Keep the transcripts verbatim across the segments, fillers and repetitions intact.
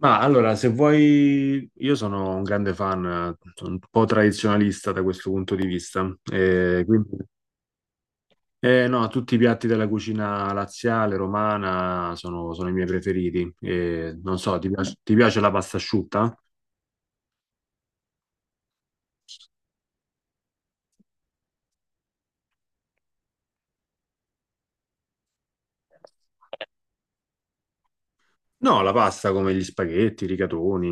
Ma allora, se vuoi, io sono un grande fan, eh, sono un po' tradizionalista da questo punto di vista. Eh, quindi, eh, no, tutti i piatti della cucina laziale, romana, sono, sono i miei preferiti. Eh, non so, ti piace, ti piace la pasta asciutta? No, la pasta come gli spaghetti, i rigatoni.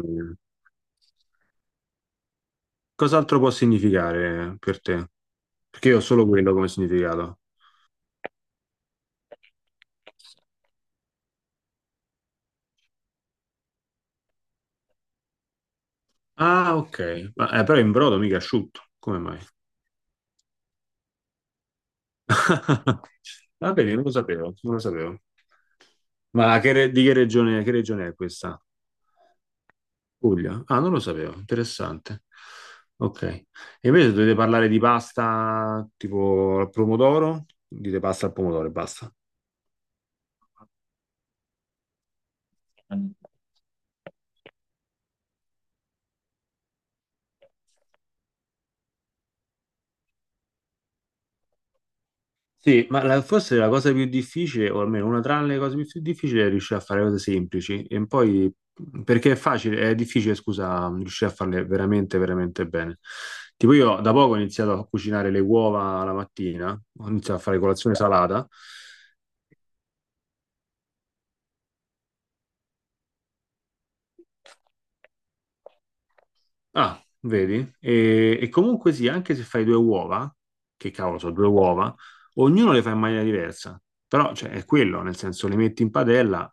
Cos'altro può significare per te? Perché io ho solo quello come significato. Ah, ok. Ma, eh, però in brodo mica asciutto. Come mai? Va bene, non lo sapevo, non lo sapevo. Ma che re- di che regione, che regione è questa? Puglia? Ah, non lo sapevo, interessante. Ok. E invece dovete parlare di pasta tipo al pomodoro? Dite pasta al pomodoro e basta. Sì, ma la- forse la cosa più difficile, o almeno una tra le cose più più difficili, è riuscire a fare cose semplici e poi, perché è facile, è difficile, scusa, riuscire a farle veramente, veramente bene. Tipo io da poco ho iniziato a cucinare le uova la mattina, ho iniziato a fare colazione salata. Ah, vedi? E, e comunque sì, anche se fai due uova, che cavolo, sono due uova, ognuno le fa in maniera diversa. Però, cioè, è quello, nel senso, le metti in padella,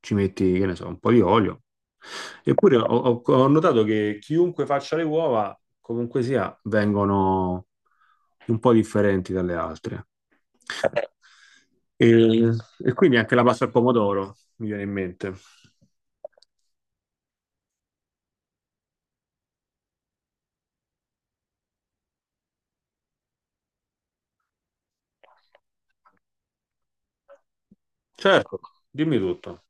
ci metti, che ne so, un po' di olio. Eppure ho, ho- ho notato che chiunque faccia le uova, comunque sia, vengono un po' differenti dalle altre. E, e quindi anche la pasta al pomodoro mi viene in mente. Certo, dimmi tutto.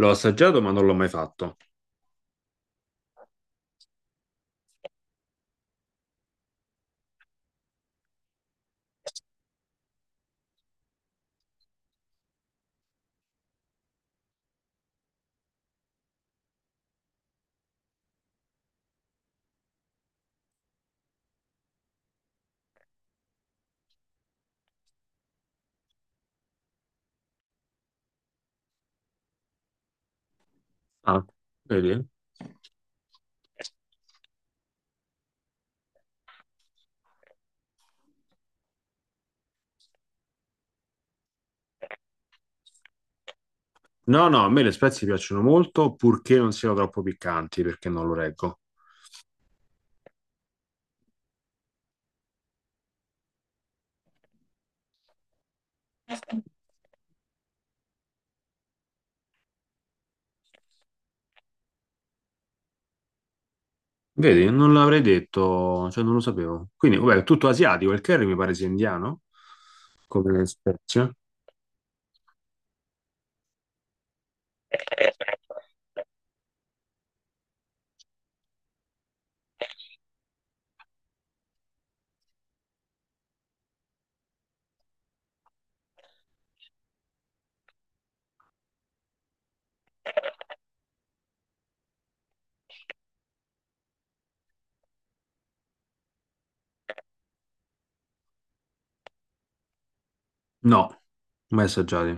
L'ho assaggiato, ma non l'ho mai fatto. Ah, vedi? No, no, a me le spezie piacciono molto, purché non siano troppo piccanti, perché non lo reggo. Vedi, non l'avrei detto, cioè non lo sapevo. Quindi, vabbè, è tutto asiatico, il curry mi pare sia indiano, come spezia. No, mai assaggiati.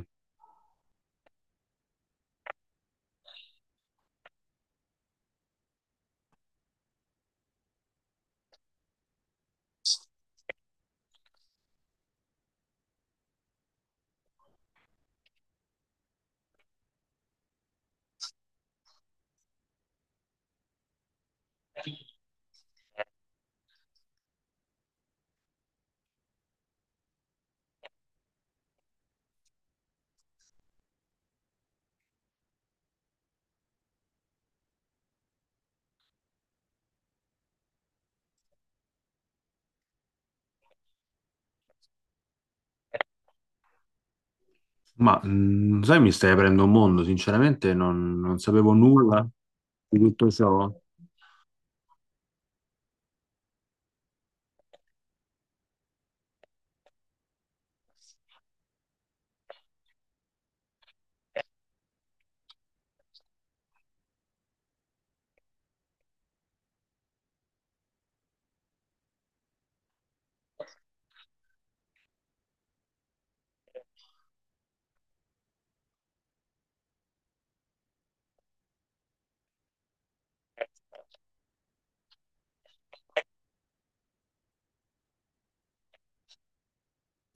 Ma, mm, sai, mi stai aprendo un mondo, sinceramente non, non sapevo nulla di tutto ciò.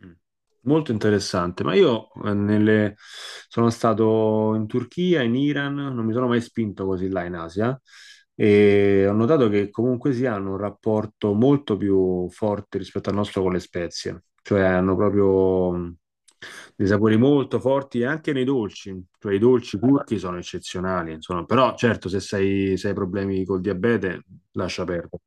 Mm. Molto interessante, ma io eh, nelle- sono stato in Turchia, in Iran, non mi sono mai spinto così là in Asia e ho notato che comunque si hanno un rapporto molto più forte rispetto al nostro con le spezie, cioè hanno proprio mh, dei sapori molto forti e anche nei dolci, cioè i dolci turchi sono eccezionali, insomma, però certo se sei- se hai problemi col diabete lascia perdere.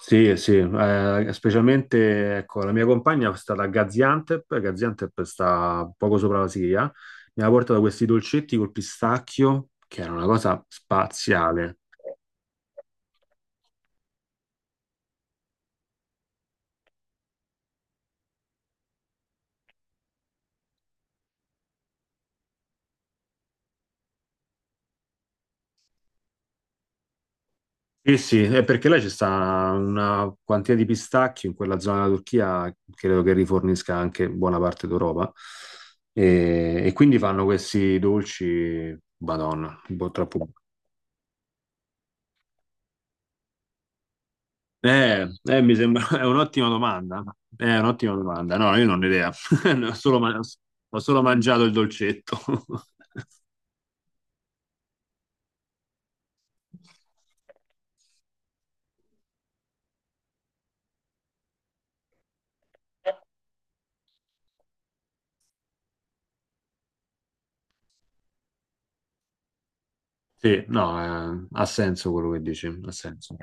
Sì, sì, eh, specialmente ecco, la mia compagna è stata a Gaziantep, Gaziantep sta poco sopra la Siria, mi ha portato questi dolcetti col pistacchio, che era una cosa spaziale. Sì, sì, è perché là c'è sta una quantità di pistacchio in quella zona della Turchia, credo che rifornisca anche buona parte d'Europa. E, e quindi fanno questi dolci, Madonna, un po' troppo. Eh, eh, mi sembra, è un'ottima domanda. È un'ottima domanda. No, io non ho idea. Ne Ho solo, ma- Ho solo mangiato il dolcetto. Sì, no, eh, ha senso quello che dici, ha senso.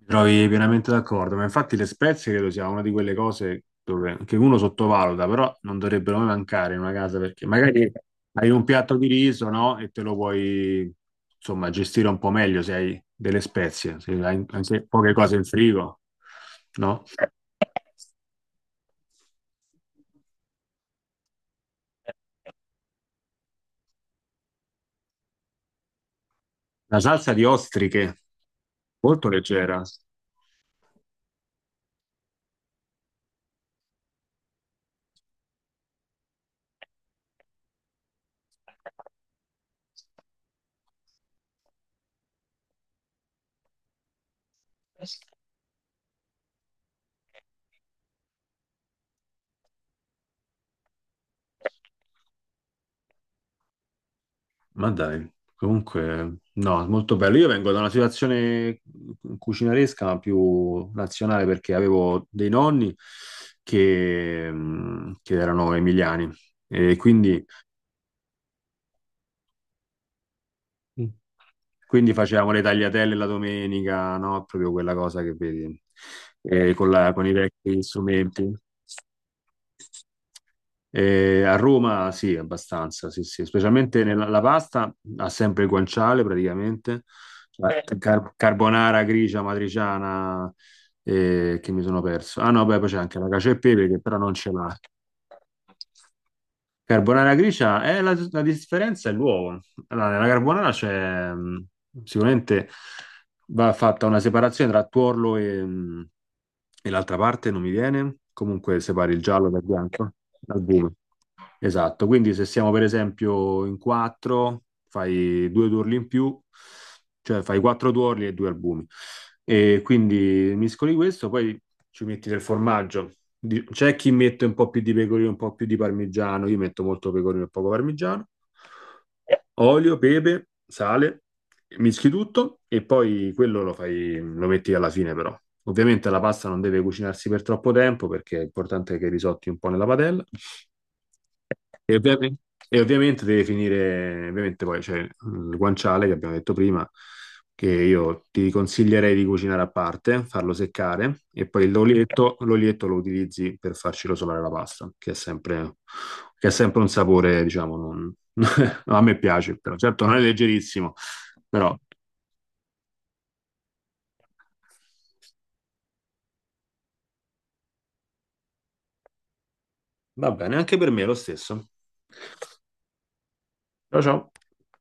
Mi trovi pienamente d'accordo, ma infatti le spezie credo sia una di quelle cose dove, che uno sottovaluta, però non dovrebbero mai mancare in una casa perché magari hai un piatto di riso, no? E te lo puoi, insomma, gestire un po' meglio se hai delle spezie, se hai anche poche cose in frigo, no? La salsa di ostriche, molto leggera. Ma dai, comunque, no, molto bello. Io vengo da una situazione cucinaresca, ma più nazionale, perché avevo dei nonni che, mh, che erano emiliani e quindi, mm, quindi facevamo le tagliatelle la domenica, no? Proprio quella cosa che vedi, eh, con la- con i vecchi strumenti. Eh, a Roma sì, abbastanza, sì, sì. Specialmente nella la pasta ha sempre il guanciale praticamente. Cioè, Eh, car- carbonara grigia, matriciana, eh, che mi sono perso. Ah no, beh, poi c'è anche la cacio e pepe che però non ce l'ha. Carbonara grigia, eh, la, la differenza è l'uovo. Allora, nella carbonara c'è mh, sicuramente va fatta una separazione tra tuorlo e, mh, e l'altra parte, non mi viene. Comunque separi il giallo dal bianco, dal buio. Esatto, quindi se siamo per esempio in quattro, fai due tuorli in più, cioè fai quattro tuorli e due albumi. E quindi miscoli questo, poi ci metti del formaggio. Di- C'è chi mette un po' più di pecorino, un po' più di parmigiano, io metto molto pecorino e poco parmigiano. Olio, pepe, sale, mischi tutto e poi quello lo fai, lo metti alla fine però. Ovviamente la pasta non deve cucinarsi per troppo tempo perché è importante che risotti un po' nella padella. E, ovviamente, e ovviamente deve finire, ovviamente poi c'è mm, il guanciale che abbiamo detto prima, che io ti consiglierei di cucinare a parte, farlo seccare e poi l'olietto, l'olietto lo utilizzi per farci rosolare la pasta, che è sempre, che è sempre un sapore, diciamo, non- a me piace, però certo non è leggerissimo, però va bene, anche per me è lo stesso. Ciao ciao.